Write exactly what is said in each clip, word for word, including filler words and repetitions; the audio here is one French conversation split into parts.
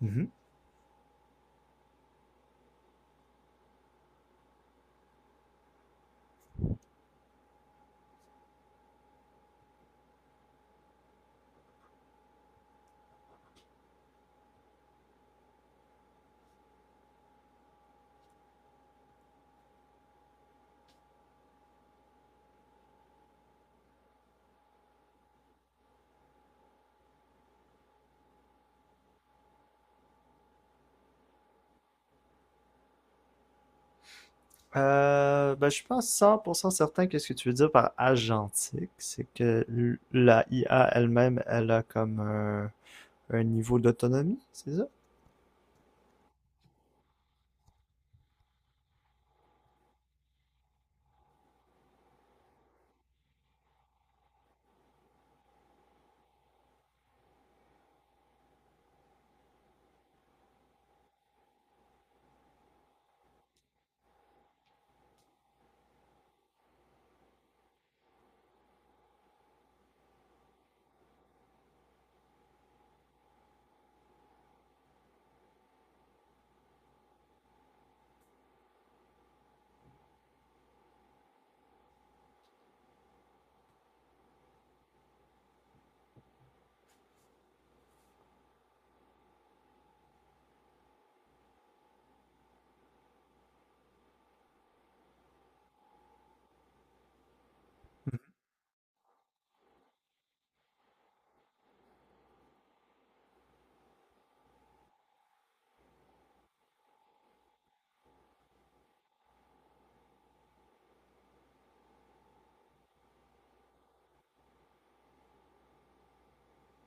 Mhm. Euh, ben, je suis pas cent pour cent certain que ce que tu veux dire par agentique, c'est que l- la I A elle-même, elle a comme un, un niveau d'autonomie, c'est ça?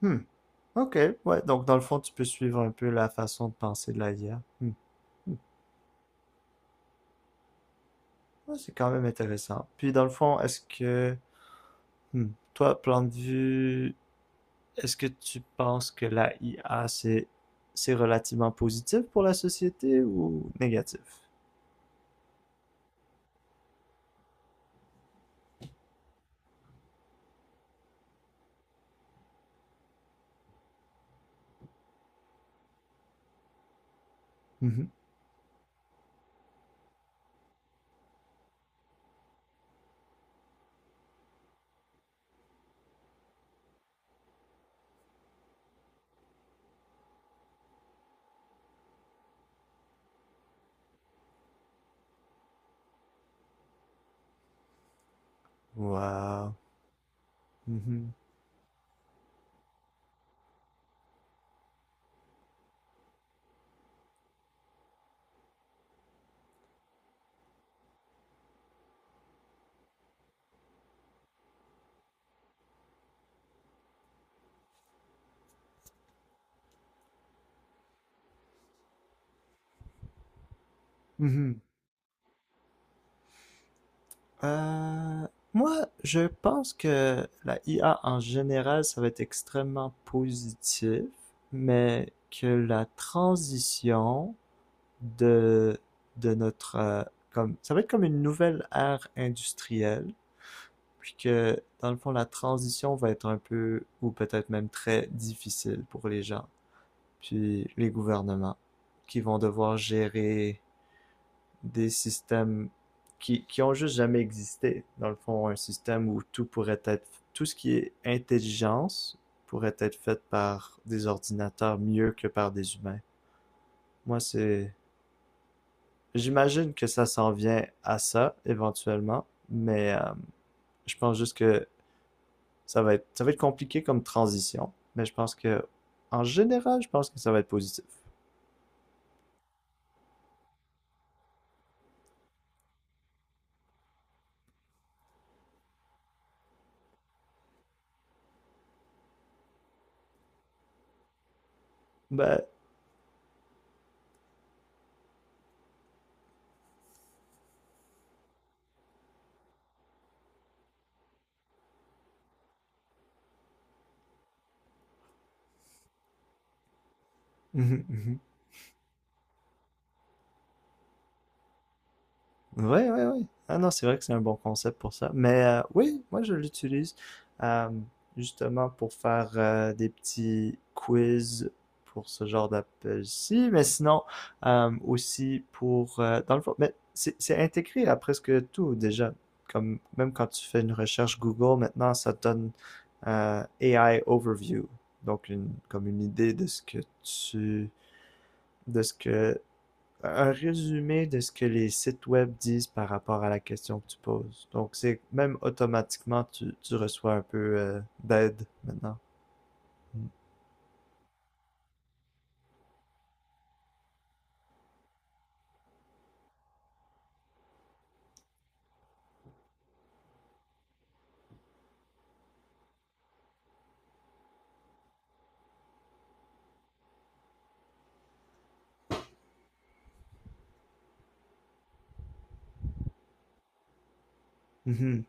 Hmm. Ok, ouais, donc dans le fond, tu peux suivre un peu la façon de penser de la I A. Hmm. Hmm. Ouais, c'est quand même intéressant. Puis dans le fond, est-ce que, hmm, toi, plan de vue, est-ce que tu penses que la I A, c'est, c'est relativement positif pour la société ou négatif? Mhm. Wow. Mhm. Mhm. Euh, Moi, je pense que la I A en général, ça va être extrêmement positif, mais que la transition de, de notre, euh, comme, ça va être comme une nouvelle ère industrielle, puis que, dans le fond, la transition va être un peu, ou peut-être même très difficile pour les gens, puis les gouvernements, qui vont devoir gérer des systèmes qui, qui ont juste jamais existé. Dans le fond, un système où tout pourrait être, tout ce qui est intelligence pourrait être fait par des ordinateurs mieux que par des humains. Moi, c'est, J'imagine que ça s'en vient à ça éventuellement, mais euh, je pense juste que ça va être, ça va être compliqué comme transition. Mais je pense que, en général, je pense que ça va être positif. Ben, ouais, ouais, ouais. Ah non, c'est vrai que c'est un bon concept pour ça. Mais euh, oui, moi je l'utilise euh, justement pour faire euh, des petits quiz pour ce genre d'appel-ci, mais sinon euh, aussi pour euh, dans le fond, mais c'est c'est intégré à presque tout déjà. Comme même quand tu fais une recherche Google, maintenant ça te donne euh, A I overview, donc une comme une idée de ce que tu de ce que un résumé de ce que les sites web disent par rapport à la question que tu poses. Donc, c'est même automatiquement, tu, tu reçois un peu euh, d'aide maintenant. Mhm,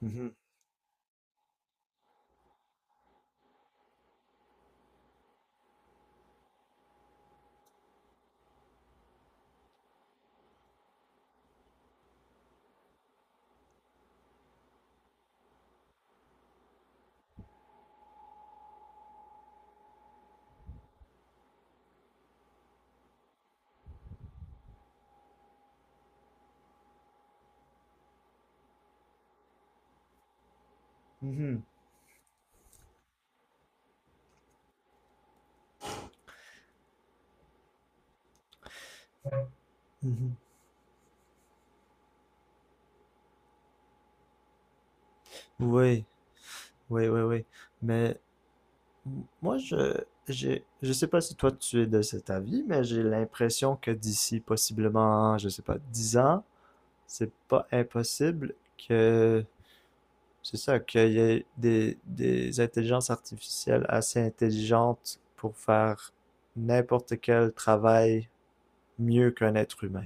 mhm, mhm, mhm. Oui, oui, oui, oui. Mais moi, je, j'ai, je sais pas si toi tu es de cet avis, mais j'ai l'impression que d'ici possiblement, je sais pas, dix ans, c'est pas impossible que C'est ça, qu'il y ait des, des intelligences artificielles assez intelligentes pour faire n'importe quel travail mieux qu'un être humain.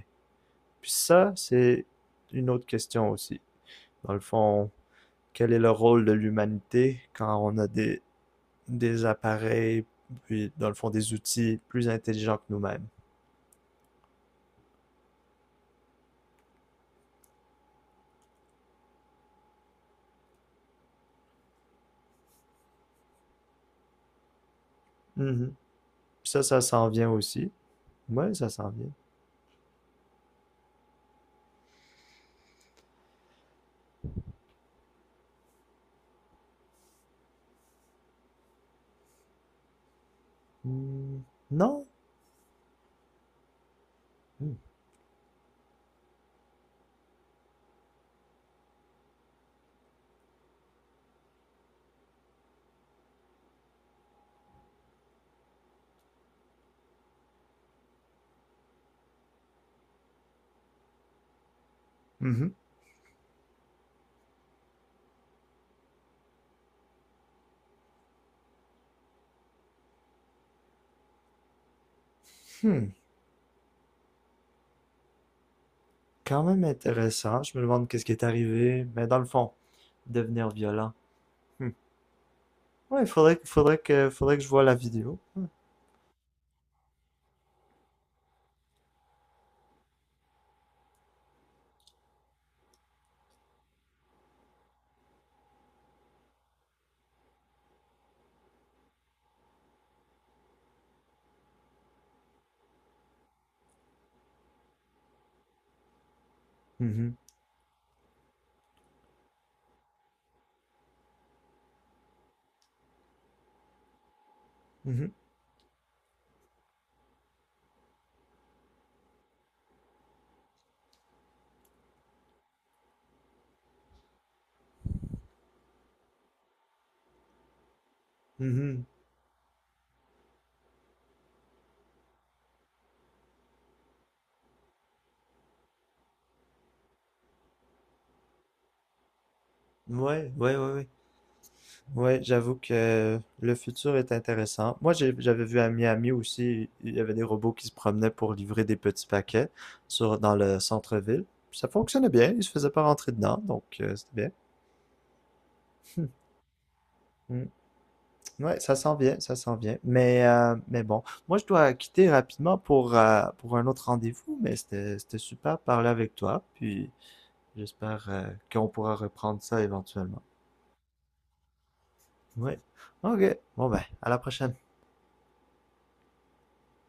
Puis ça, c'est une autre question aussi. Dans le fond, quel est le rôle de l'humanité quand on a des, des appareils, puis dans le fond des outils plus intelligents que nous-mêmes? Mhm. Puis ça, ça s'en vient aussi. Ouais, ça s'en vient. Hmm, non? Hmm. Mhm. Hmm. Quand même intéressant. Je me demande qu'est-ce qui est arrivé. Mais dans le fond, devenir violent. Hmm. Ouais, faudrait, faudrait que, faudrait que je voie la vidéo. Hmm. Mhm. Mhm. Mhm. Ouais, ouais, ouais, ouais. Ouais, j'avoue que le futur est intéressant. Moi, j'ai- j'avais vu à Miami aussi, il y avait des robots qui se promenaient pour livrer des petits paquets sur, dans le centre-ville. Ça fonctionnait bien, ils se faisaient pas rentrer dedans, donc euh, c'était bien. Hmm. Hmm. Ouais, ça s'en vient, ça s'en vient. Mais, euh, mais bon, moi je dois quitter rapidement pour, euh, pour un autre rendez-vous, mais c'était, c'était super de parler avec toi. Puis j'espère euh, qu'on pourra reprendre ça éventuellement. Ouais. Ok. Bon ben, à la prochaine.